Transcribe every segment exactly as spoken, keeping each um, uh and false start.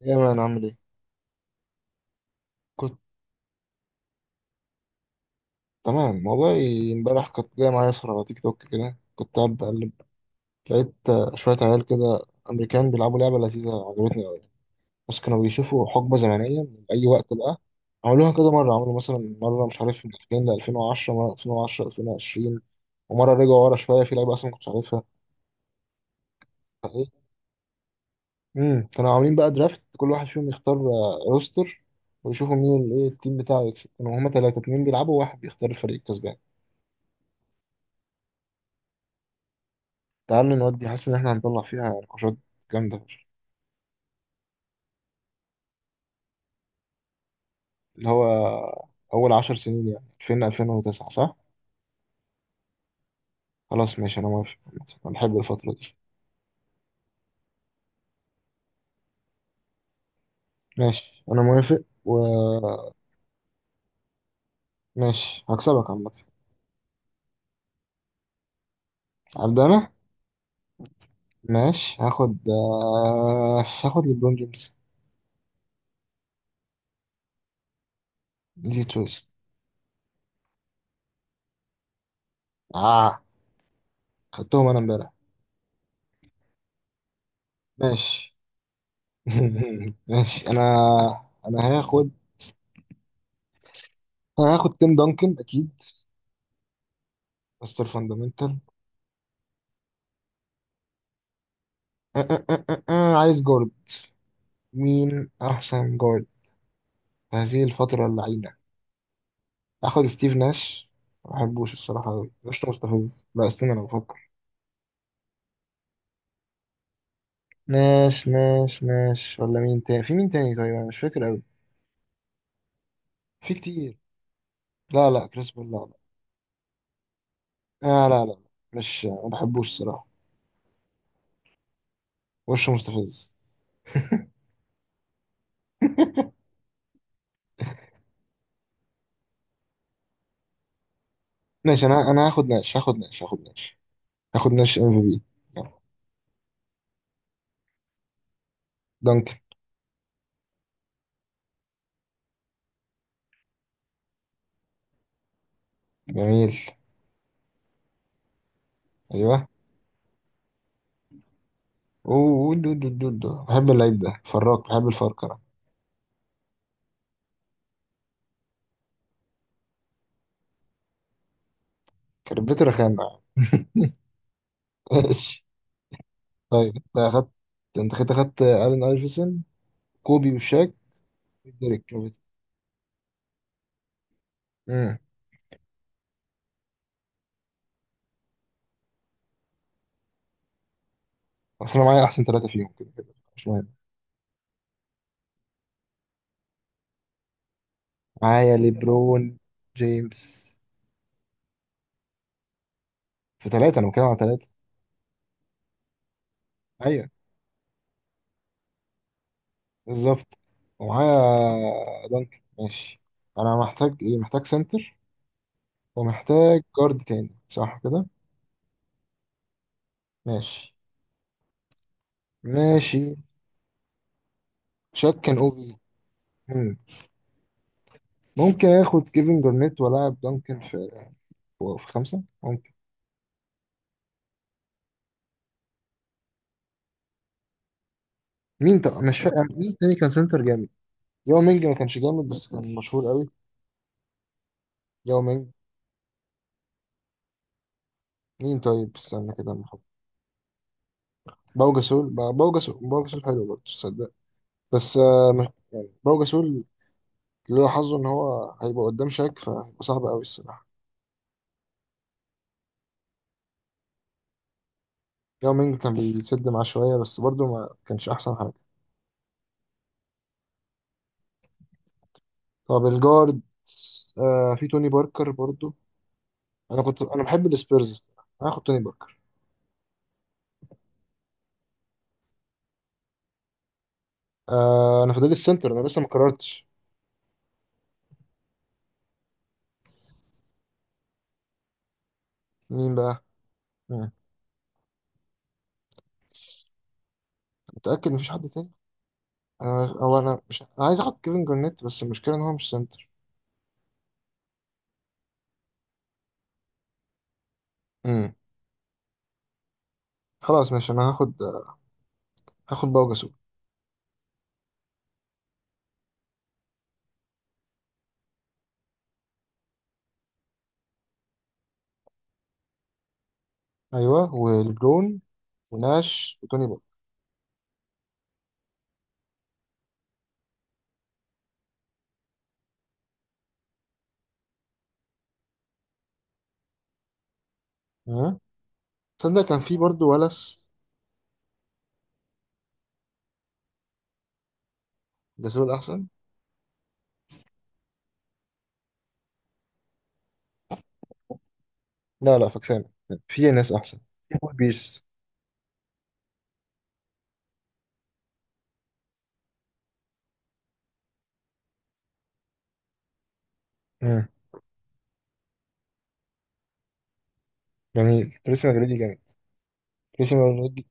يا مان عامل ايه؟ كنت تمام والله. امبارح كنت جاي معايا صورة على تيك توك كده، كنت قاعد بقلب، لقيت آه، شوية عيال كده أمريكان بيلعبوا لعبة لذيذة عجبتني أوي. بس كانوا بيشوفوا حقبة زمنية من أي وقت بقى. عملوها كذا مرة، عملوا مثلا مرة مش عارف من ألفين ل ألفين وعشرة، مرة ألفين وعشرة ألفين وعشرين، ومرة رجعوا ورا شوية في لعيبة أصلا ما كنتش عارفها. ايه امم كانوا عاملين بقى درافت، كل واحد فيهم يختار آه، روستر، ويشوفوا مين ال- ايه التيم بتاعه يكسب. كانوا هما تلاتة اتنين بيلعبوا وواحد بيختار الفريق الكسبان. تعالوا نودي، حاسس إن إحنا هنطلع فيها نقاشات جامدة فشخ. اللي هو أول عشر سنين يعني ألفين ألفين وتسعة صح؟ خلاص ماشي، أنا موافق عامة. أنا بحب الفترة دي. ماشي أنا موافق وماشي. هكسبك عامة. هبدأ أنا. ماشي، هاخد آه، هاخد ليبرون جيمس. دي تويست. آه، خدتهم أنا إمبارح. ماشي. ماشي أنا أنا هاخد. أنا هاخد تيم دانكن أكيد. مستر فاندامنتال. آه، آه، آه، آه، آه، عايز جارد. مين أحسن جارد في هذه الفترة اللعينة؟ آخد ستيف ناش. ما بحبوش الصراحة أوي، مش مستفز، لا استنى أنا بفكر. ناش ناش ناش ولا مين تاني، في مين تاني طيب، أنا مش فاكر أوي. في كتير. لا لا كريس بول لا لا. آه لا لا لا. مش، ما بحبوش الصراحة. وشه مستفز. ماشي، أنا أنا هاخد ناش هاخد ناش هاخد ناش هاخد ناش ام في بي. دانكن. جميل. أيوه. أوه دو دو دو دو بحب اللعيب ده فراك، بحب الفركرة. كربته رخامة. ماشي. طيب انت اخدت، انت كده اخدت الين ايفرسون، كوبي والشاك وديريك جابت. امم. اصل انا معايا احسن ثلاثه فيهم كده كده مش مهم. معايا ليبرون جيمس في ثلاثه، انا بتكلم على ثلاثه. ايوه بالظبط. ومعايا دانكن ماشي. انا محتاج ايه؟ محتاج سنتر، ومحتاج جارد تاني صح كده؟ ماشي. ماشي. شاك كان اوفي. مم. ممكن اخد كيفن جارنيت والعب دانكن في في خمسه ممكن. مين طب؟ مش فاكر مين تاني كان سنتر جامد. ياو مينج ما كانش جامد بس كان مشهور قوي. ياو مينج. مين طيب استنى كده أما أحط. باو جاسول، با- باو جاسول، باو جاسول حلو برضه تصدق. بس آه، مش- باو جاسول اللي هو حظه ان هو هيبقى قدام شاك، فهيبقى صعب قوي الصراحه. ياو مينج كان بيسد معاه شويه بس برضه ما كانش احسن حاجه. طب الجارد، آه في توني باركر برضه. انا كنت انا بحب السبيرز، أنا هاخد توني باركر. آه انا فاضل السنتر، انا لسه ما قررتش. مين بقى؟ مم. متاكد مفيش حد تاني؟ أنا هو أنا مش، أنا عايز آخد كيفن جورنيت بس المشكلة إن هو مش سنتر. امم. خلاص ماشي، أنا هاخد، هاخد باوجاسول. أيوه ولبرون وناش وتوني بول. ها. تصدق كان في برضه ولس. جاسول أحسن. لا لا فاكسان، في ناس أحسن. في بول بيرس. امم. جميل، تريسي ماجريدي جامد. تريسي ماجريدي.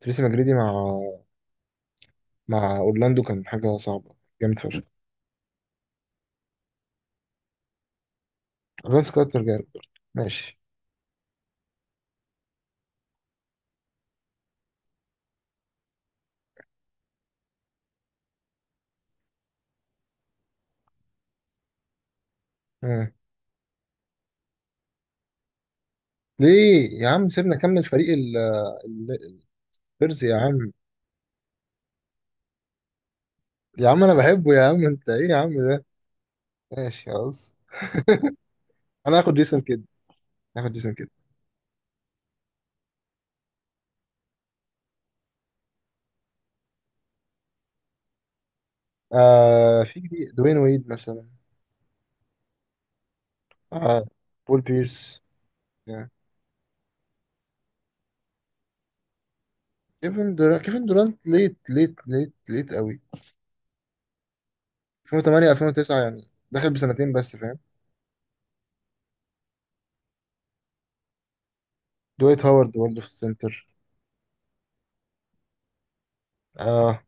تريسي ماجريدي مع مع أورلاندو كان حاجة صعبة، جامد فشخ. فينس كارتر جامد برضه. ماشي. مم. ليه يا عم؟ سيبنا كمل فريق ال- ال- البيرز يا عم. يا عم انا بحبه، يا عم انت ايه يا عم ده؟ ماشي خلاص، انا هاخد جيسون كيد، هاخد جيسون كيد. آه في جديد دوين ويد مثلا. آه بول بيرس يعني. كيفن دورانت، كيفن دورانت ليت ليت ليت ليت قوي. ألفين وثمانية ألفين وتسعة يعني دخل بسنتين بس فاهم. دويت هاورد برضه في السنتر. اه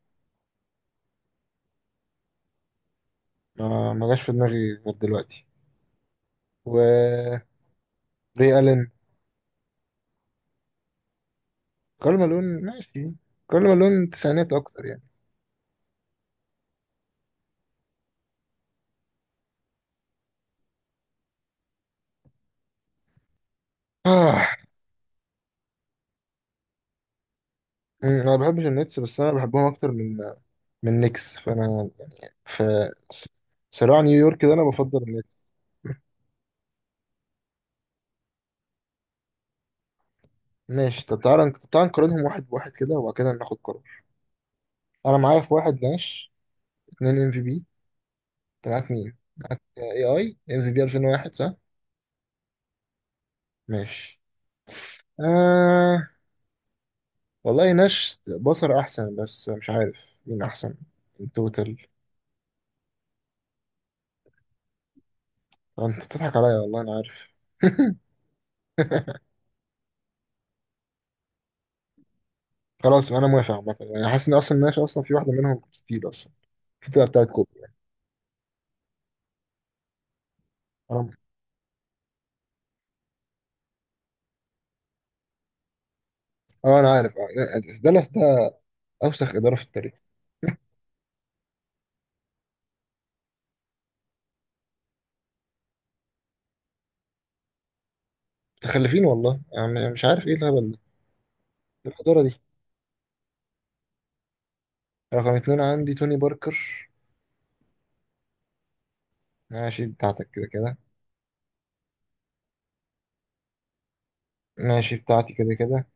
ما ما جاش في دماغي غير دلوقتي. و ري الين. كارل مالون ماشي. كارل مالون تسعينات اكتر يعني. آه. أمم، انا ما بحبش النتس بس انا بحبهم اكتر من من نيكس، فانا في ص- صراع نيويورك ده انا بفضل النتس. ماشي، طب تعالى تعالى نقارنهم واحد بواحد كده وبعد كده ناخد قرار. انا معايا في واحد ناش، اتنين ام في بي. انت معاك مين؟ آه، اي اي ام في بي ألفين وواحد صح؟ ماشي. آه. والله ناش بصر احسن بس مش عارف مين احسن التوتال. انت بتضحك عليا والله انا عارف. خلاص انا موافق عامه، يعني حاسس ان اصلا ناش اصلا في واحده منهم ستيل اصلا في بتاعت كوبي. انا اه انا عارف آه، ده ده- ده أوسخ إدارة في التاريخ. متخلفين والله، يعني مش عارف إيه الهبل ده. إيه الإدارة دي؟ رقم اتنين عندي توني باركر. ماشي بتاعتك كده كده. ماشي بتاعتي كده كده.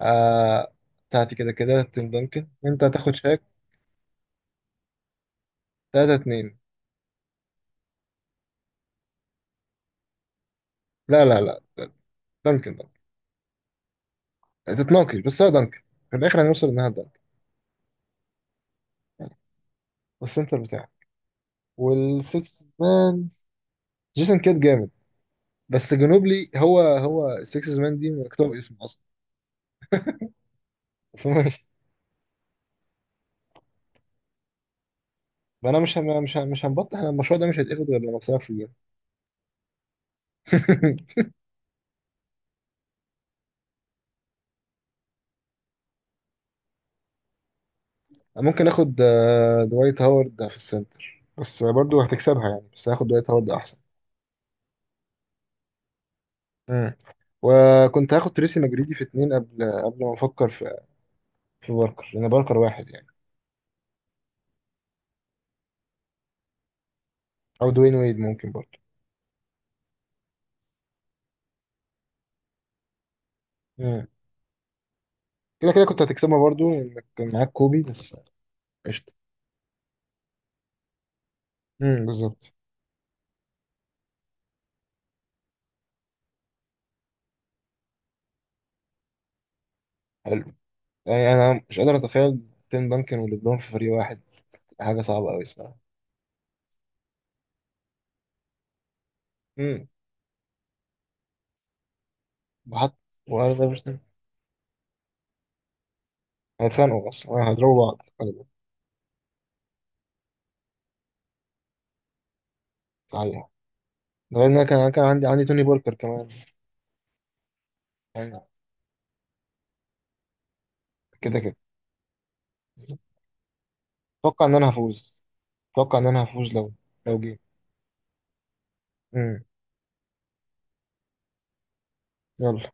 آه بتاعتي كده كده، تيم دانكن. أنت هتاخد شاك. تلاتة اتنين. لا لا لا. دانكن دانكن، تتناقش بس هو دانكن في الآخر. هنوصل إنها دانكن. يعني. والسنتر بتاعك، والسكس مان. جيسون كيد جامد، بس جنوبلي هو هو السكس مان دي مكتوب اسمه أصلا. فماشي. فأنا مش هم مش هم مش هنبطح. أنا المشروع ده مش هيتاخد غير لما أكسبك في الجيم. ممكن اخد آه، دوايت هاورد في السنتر بس برضو هتكسبها يعني، بس هاخد دوايت هاورد احسن. مم. وكنت هاخد تريسي مجريدي في اتنين قبل قبل ما افكر في في باركر لان باركر واحد يعني. او دوين ويد ممكن برضو. مم. كده كده كنت هتكسبها برضو انك كان معاك كوبي بس. قشطة. مم، بالظبط. حلو. يعني انا مش قادر اتخيل تيم دانكن وليبرون في فريق واحد، حاجة صعبة قوي الصراحة. مم. وحط، وأنا ده مش، هيتخانقوا اصلا هيضربوا بعض. غالباً. غير ان انا كان كان عندي عندي توني باركر كمان يعني. كده كده اتوقع ان انا هفوز. اتوقع ان انا هفوز لو لو جه. امم. يلا.